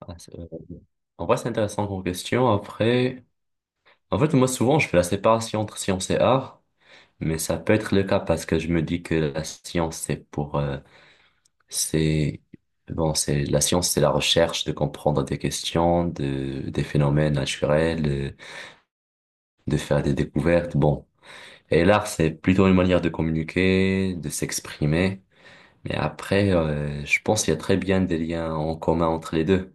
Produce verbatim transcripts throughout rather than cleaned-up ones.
Ah, c'est- euh, en vrai, c'est intéressant comme question. Après, en fait, moi, souvent, je fais la séparation entre science et art, mais ça peut être le cas parce que je me dis que la science, c'est pour, euh, c'est, bon, c'est, la science, c'est la recherche de comprendre des questions, de, des phénomènes naturels, euh, de faire des découvertes. Bon. Et l'art, c'est plutôt une manière de communiquer, de s'exprimer. Mais après, euh, je pense qu'il y a très bien des liens en commun entre les deux.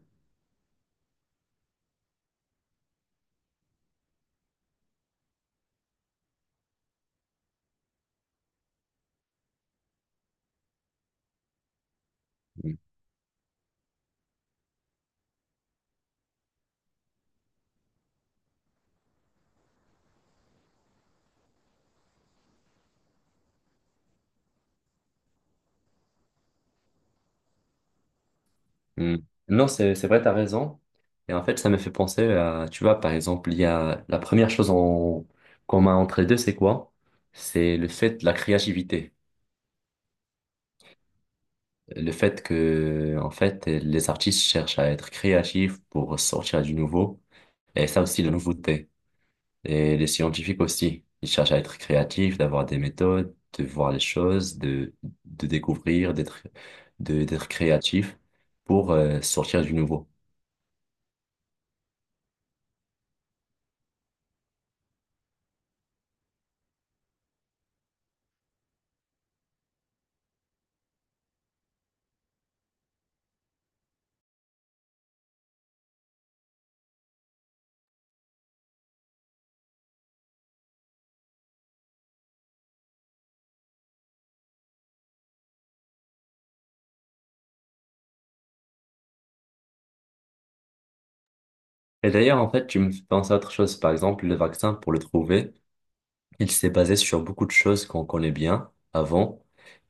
Hmm. Non, c'est c'est vrai, t'as raison. Et en fait, ça m'a fait penser à, tu vois, par exemple, il y a la première chose en commun entre les deux, c'est quoi? C'est le fait de la créativité. Le fait que, en fait, les artistes cherchent à être créatifs pour sortir du nouveau. Et ça aussi, la nouveauté. Et les scientifiques aussi. Ils cherchent à être créatifs, d'avoir des méthodes, de voir les choses, de, de découvrir, d'être, de, d'être créatifs pour euh, sortir du nouveau. Et d'ailleurs, en fait, tu me fais penser à autre chose. Par exemple, le vaccin, pour le trouver, il s'est basé sur beaucoup de choses qu'on connaît bien avant.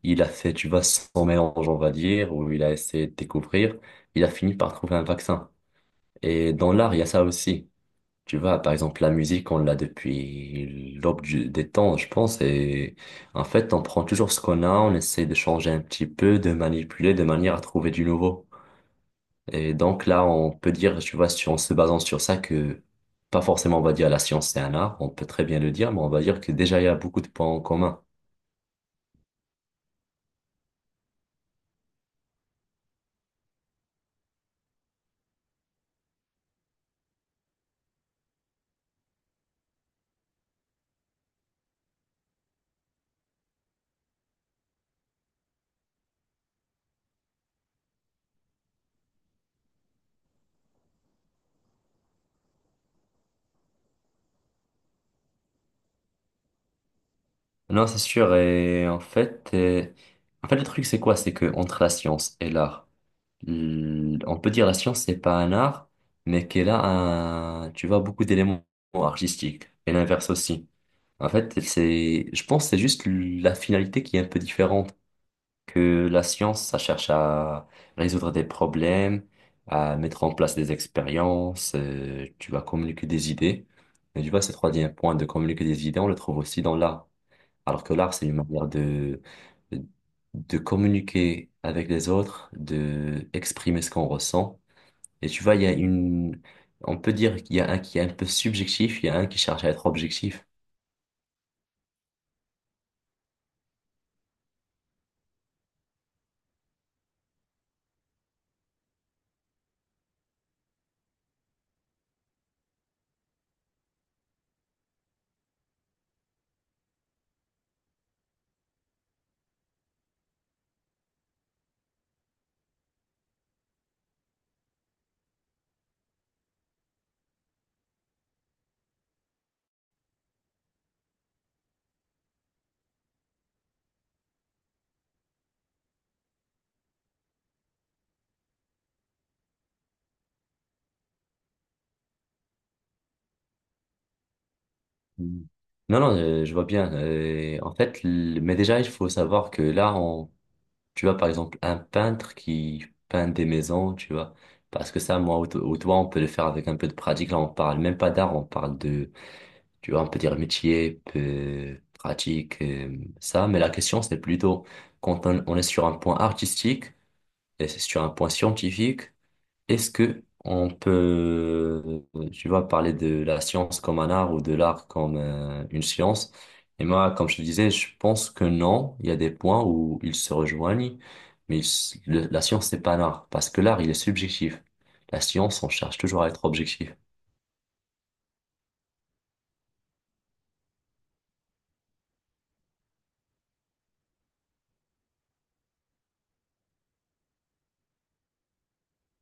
Il a fait, tu vois, son mélange, on va dire, où il a essayé de découvrir. Il a fini par trouver un vaccin. Et dans l'art, il y a ça aussi. Tu vois, par exemple, la musique, on l'a depuis l'aube du- des temps, je pense. Et en fait, on prend toujours ce qu'on a, on essaie de changer un petit peu, de manipuler de manière à trouver du nouveau. Et donc là, on peut dire, tu vois, si en se basant sur ça, que pas forcément on va dire la science c'est un art, on peut très bien le dire, mais on va dire que déjà il y a beaucoup de points en commun. Non, c'est sûr. Et en fait, euh, en fait le truc c'est quoi? C'est que entre la science et l'art, l- on peut dire la science c'est pas un art, mais qu'elle a un, tu vois, beaucoup d'éléments artistiques. Et l'inverse aussi. En fait, c'est, je pense, que c'est juste la finalité qui est un peu différente. Que la science, ça cherche à résoudre des problèmes, à mettre en place des expériences, euh, tu vas communiquer des idées. Mais tu vois, ce troisième point de communiquer des idées, on le trouve aussi dans l'art. Alors que l'art, c'est une manière de, de communiquer avec les autres, de exprimer ce qu'on ressent. Et tu vois, il y a une, on peut dire qu'il y a un qui est un peu subjectif, il y a un qui cherche à être objectif. Mm. Non, non, euh, je vois bien. Euh, en fait, l- mais déjà, il faut savoir que là, on… Tu vois, par exemple, un peintre qui peint des maisons, tu vois. Parce que ça, moi ou, to- ou toi, on peut le faire avec un peu de pratique. Là, on parle même pas d'art, on parle de, tu vois, on peut dire métier, peu- pratique, euh, ça. Mais la question, c'est plutôt quand on, on est sur un point artistique et c'est sur un point scientifique. Est-ce que on peut, tu vois, parler de la science comme un art ou de l'art comme euh, une science? Et moi, comme je te disais, je pense que non. Il y a des points où ils se rejoignent, mais ils- le- la science, c'est pas un art parce que l'art, il est subjectif. La science, on cherche toujours à être objectif.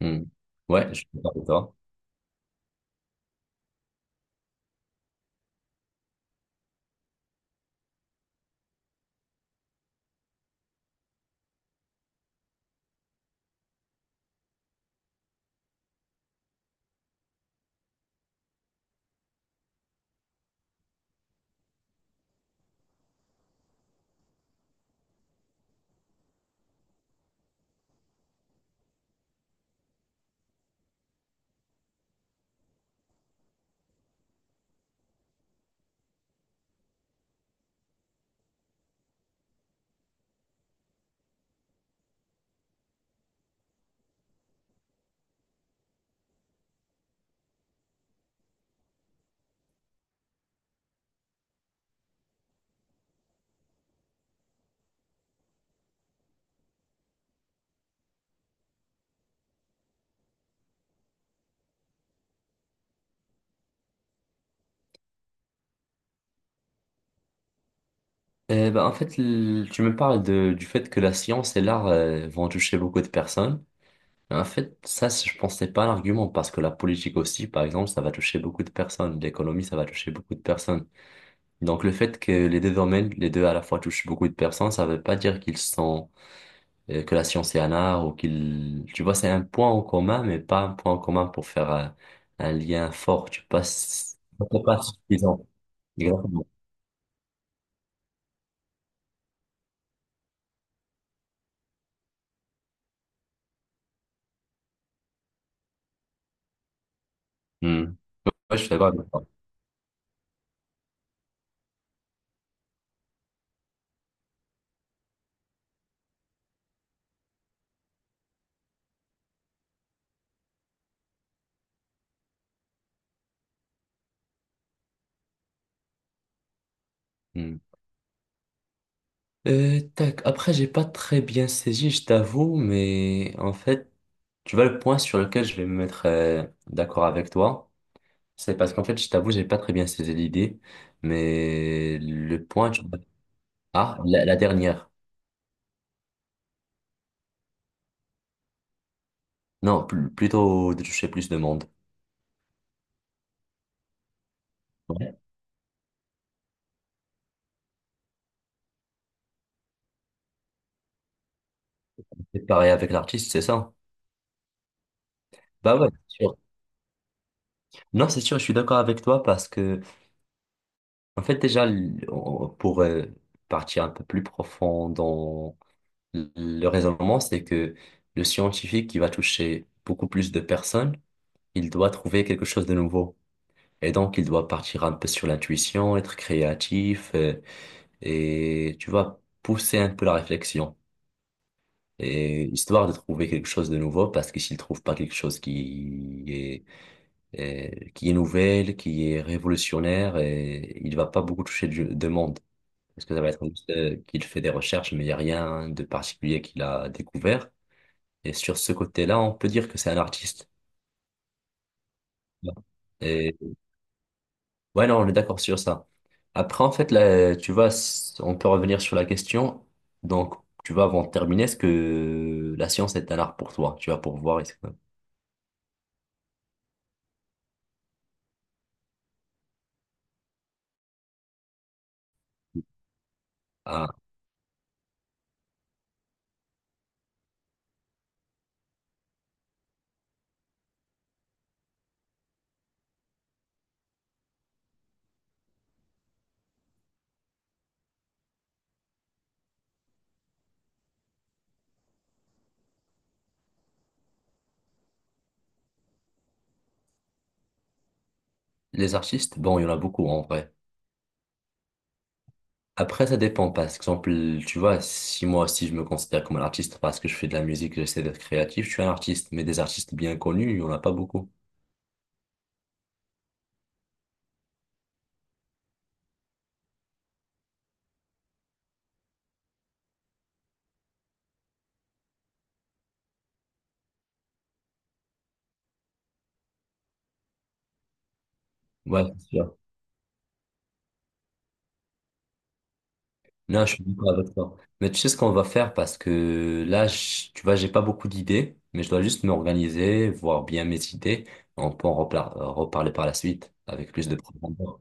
Hmm. Ouais, je suis d'accord avec toi. Eh ben, en fait, l- tu me parles de, du fait que la science et l'art euh, vont toucher beaucoup de personnes. En fait, ça, je pensais pas à l'argument parce que la politique aussi, par exemple, ça va toucher beaucoup de personnes. L'économie, ça va toucher beaucoup de personnes. Donc, le fait que les deux domaines, les deux à la fois touchent beaucoup de personnes, ça veut pas dire qu'ils sont, euh, que la science est un art ou qu'ils, tu vois, c'est un point en commun, mais pas un point en commun pour faire un, un lien fort. Tu passes, c'est pas suffisant. Exactement. Hmm. Ouais, je suis d'accord avec toi. Hmm. Euh, tac. Après, j'ai pas très bien saisi, je t'avoue, mais en fait… Tu vois, le point sur lequel je vais me mettre euh, d'accord avec toi, c'est parce qu'en fait, je t'avoue, j'ai pas très bien saisi l'idée, mais le point, tu vois… Ah, la, la dernière. Non, pl- plutôt de toucher plus de monde. Ouais. C'est pareil avec l'artiste, c'est ça? Bah ouais, c'est sûr. Non, c'est sûr, je suis d'accord avec toi parce que, en fait, déjà, l- on- pour euh, partir un peu plus profond dans l- le raisonnement, c'est que le scientifique qui va toucher beaucoup plus de personnes, il doit trouver quelque chose de nouveau. Et donc, il doit partir un peu sur l'intuition, être créatif, euh, et tu vois, pousser un peu la réflexion. Et histoire de trouver quelque chose de nouveau, parce que s'il trouve pas quelque chose qui est, euh, qui est nouvelle, qui est révolutionnaire, et il va pas beaucoup toucher de, de monde. Parce que ça va être juste euh, qu'il fait des recherches, mais il n'y a rien de particulier qu'il a découvert. Et sur ce côté-là, on peut dire que c'est un artiste. Et… Ouais, non, on est d'accord sur ça. Après, en fait, là, tu vois, s- on peut revenir sur la question. Donc, tu vois, avant de terminer, est-ce que la science est un art pour toi? Tu vas pour voir. Est-ce que… Ah, les artistes, bon, il y en a beaucoup en vrai. Après, ça dépend. Par exemple, tu vois, si moi aussi je me considère comme un artiste parce que je fais de la musique, j'essaie d'être créatif, je suis un artiste. Mais des artistes bien connus, il n'y en a pas beaucoup. Ouais, c'est sûr. Non, je suis d'accord avec toi. Mais tu sais ce qu'on va faire parce que là, je- tu vois, j'ai pas beaucoup d'idées, mais je dois juste m'organiser, voir bien mes idées. On peut en repla- reparler par la suite avec plus de profondeur.